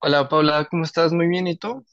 Hola Paula, ¿cómo estás? Muy bien, ¿y tú?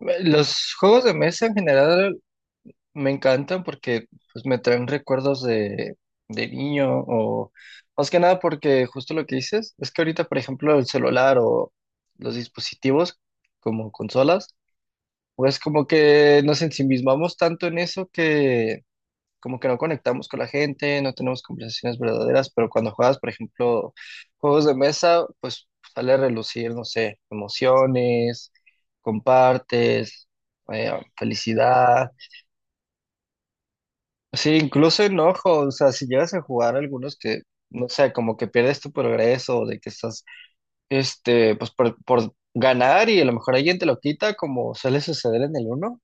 Los juegos de mesa en general me encantan porque me traen recuerdos de niño o más que nada porque justo lo que dices es que ahorita, por ejemplo, el celular o los dispositivos como consolas, pues como que nos ensimismamos tanto en eso, como que no conectamos con la gente, no tenemos conversaciones verdaderas, pero cuando juegas, por ejemplo, juegos de mesa, pues sale a relucir, no sé, emociones, compartes, eh, felicidad, sí, incluso enojo, o sea, si llegas a jugar algunos que, no sé, como que pierdes tu progreso, de que estás, este, pues por ganar y a lo mejor alguien te lo quita, como suele suceder en el uno,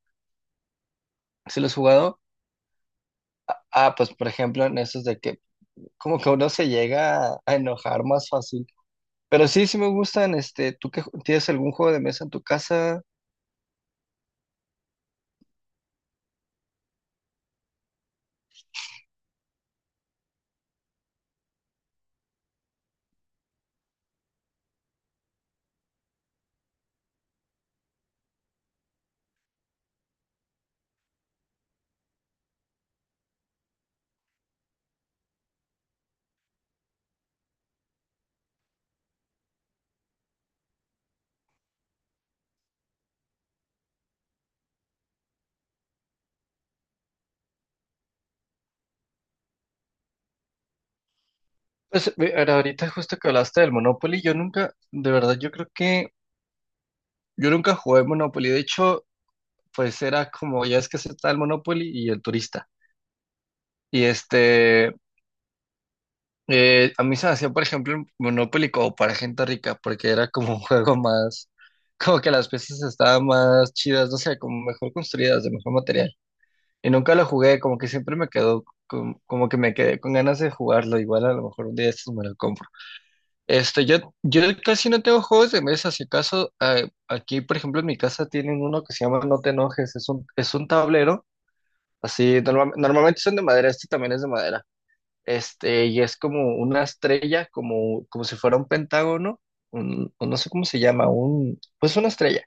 si lo has jugado. Ah, pues por ejemplo, en esos de que como que uno se llega a enojar más fácil. Pero sí, sí me gustan, este, ¿tú que tienes algún juego de mesa en tu casa? Pues ahorita justo que hablaste del Monopoly, yo nunca, de verdad, yo creo que yo nunca jugué Monopoly. De hecho, pues era como, ya es que se está el Monopoly y el turista. Y este, a mí se me hacía, por ejemplo, el Monopoly como para gente rica, porque era como un juego más, como que las piezas estaban más chidas, no sé, como mejor construidas, de mejor material. Y nunca lo jugué, como que siempre me quedó, como, que me quedé con ganas de jugarlo, igual a lo mejor un día de estos me lo compro. Este, yo casi no tengo juegos de mesa, si acaso, aquí, por ejemplo, en mi casa tienen uno que se llama No te enojes, es es un tablero, así, normalmente son de madera, este también es de madera, este, y es como una estrella, como, como si fuera un pentágono, un, o no sé cómo se llama, un, pues una estrella,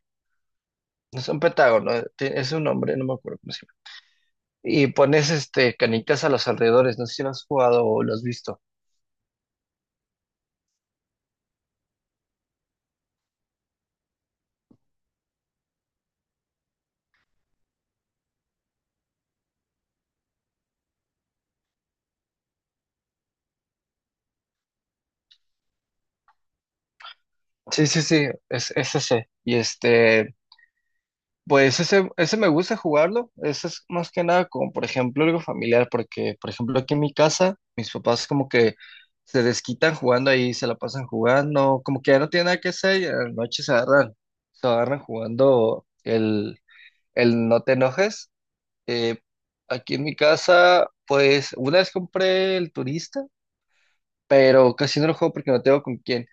no es un pentágono, es un nombre, no me acuerdo cómo se llama. Y pones este canitas a los alrededores. No sé si lo has jugado o lo has visto. Sí, es ese. Y este, pues ese me gusta jugarlo. Ese es más que nada como, por ejemplo, algo familiar, porque, por ejemplo, aquí en mi casa, mis papás como que se desquitan jugando ahí, se la pasan jugando, como que ya no tienen nada que hacer y a la noche se agarran jugando el no te enojes. Eh, aquí en mi casa, pues una vez compré el turista, pero casi no lo juego porque no tengo con quién.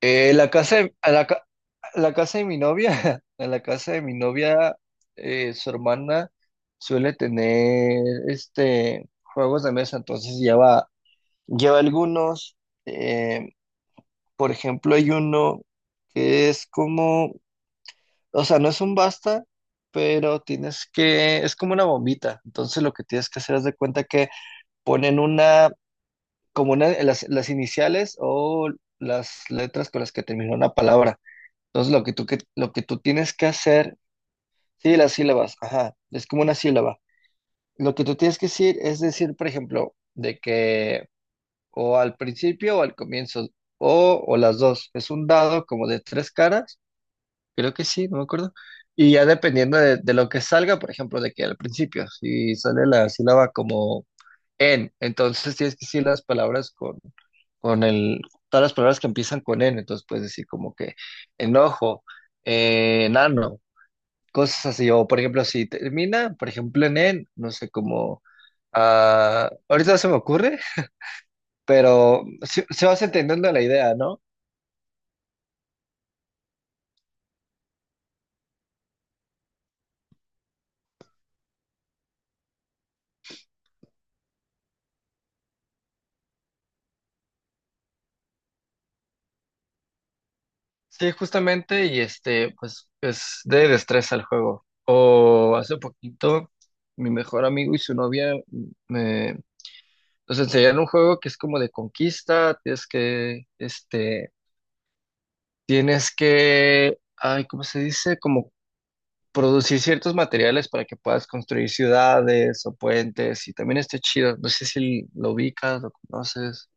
La casa de, a la casa de mi novia, a la casa de mi novia, su hermana suele tener este juegos de mesa, entonces lleva algunos. Eh, por ejemplo, hay uno que es como, o sea, no es un basta, pero tienes que, es como una bombita. Entonces lo que tienes que hacer es de cuenta que ponen una como una, las iniciales o las letras con las que termina una palabra. Entonces, lo que tú tienes que hacer, sí, las sílabas, ajá, es como una sílaba. Lo que tú tienes que decir es decir, por ejemplo, de que o al principio o al comienzo, o las dos. Es un dado como de tres caras, creo que sí, no me acuerdo. Y ya dependiendo de lo que salga, por ejemplo, de que al principio, si sale la sílaba como en, entonces tienes que decir las palabras con el, todas las palabras que empiezan con N, entonces puedes decir como que enojo, enano, cosas así, o por ejemplo, si termina, por ejemplo, en N, no sé cómo, ah, ahorita no se me ocurre, pero se vas entendiendo la idea, ¿no? Sí, justamente, y este, pues es de destreza el juego. O hace poquito, mi mejor amigo y su novia me... Nos enseñaron un juego que es como de conquista, tienes que, este, tienes que, ay, ¿cómo se dice? Como producir ciertos materiales para que puedas construir ciudades o puentes y también está chido. No sé si lo ubicas, lo conoces.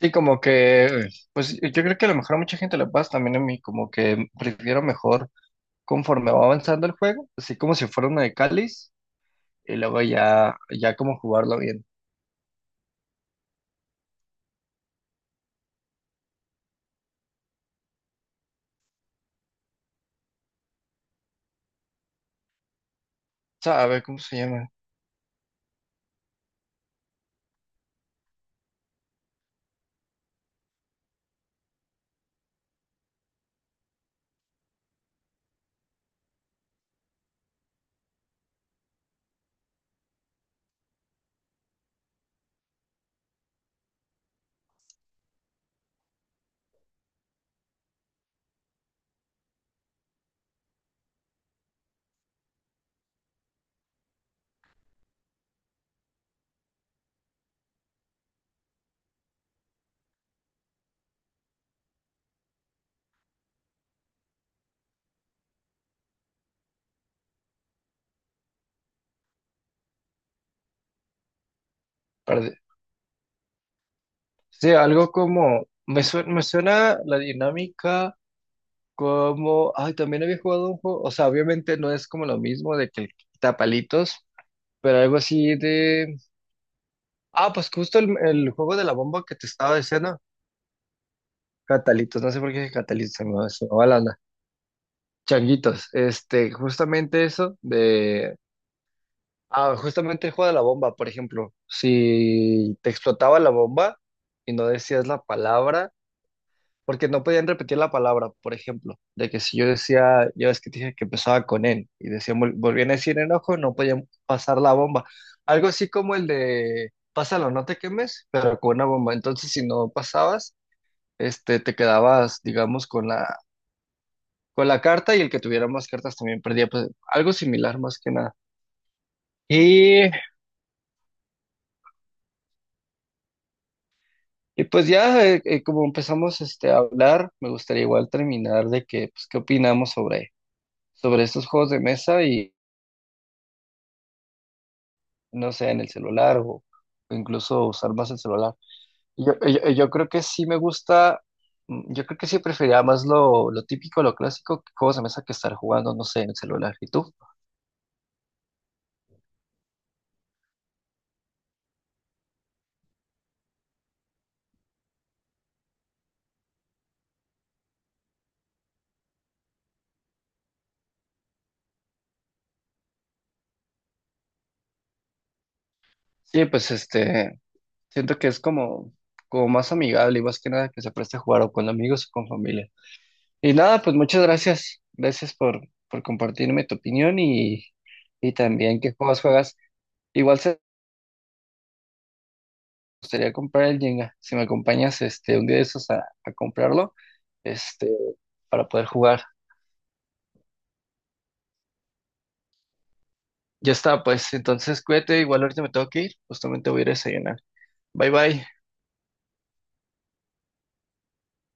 Sí, como que, pues yo creo que a lo mejor a mucha gente le pasa también a mí, como que prefiero mejor conforme va avanzando el juego, así como si fuera una de cáliz y luego ya, ya como jugarlo bien. ¿Sabe cómo se llama? Perde- Sí, algo como, me suena la dinámica. Como, ay, también había jugado un juego, o sea, obviamente no es como lo mismo de que el tapalitos, pero algo así de, ah, pues justo el juego de la bomba que te estaba diciendo. Catalitos, no sé por qué dije Catalitos, se me va la onda. Changuitos, este, justamente eso de, ah, justamente el juego de la bomba, por ejemplo, si te explotaba la bomba y no decías la palabra, porque no podían repetir la palabra, por ejemplo, de que si yo decía, ya ves que te dije que empezaba con N, y decía, volvían a decir enojo, no podían pasar la bomba. Algo así como el de, pásalo, no te quemes, pero con una bomba. Entonces, si no pasabas, este, te quedabas, digamos, con la carta y el que tuviera más cartas también perdía, pues, algo similar más que nada. Y, y pues ya, como empezamos este, a hablar, me gustaría igual terminar de que, pues, qué opinamos sobre, sobre estos juegos de mesa, no sé, en el celular o incluso usar más el celular. Y yo creo que sí me gusta, mm, yo creo que sí preferiría más lo típico, lo clásico, que juegos de mesa que estar jugando, no sé, en el celular. ¿Y tú? Sí, pues este, siento que es como, como más amigable y más que nada que se preste a jugar o con amigos o con familia. Y nada, pues muchas gracias. Gracias por compartirme tu opinión y también qué juegos juegas. Igual se gustaría comprar el Jenga. Si me acompañas este, un día de esos a comprarlo, este, para poder jugar. Ya está, pues entonces cuídate, igual ahorita me tengo que ir, justamente voy a ir a desayunar. Bye bye,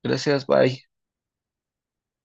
gracias, bye.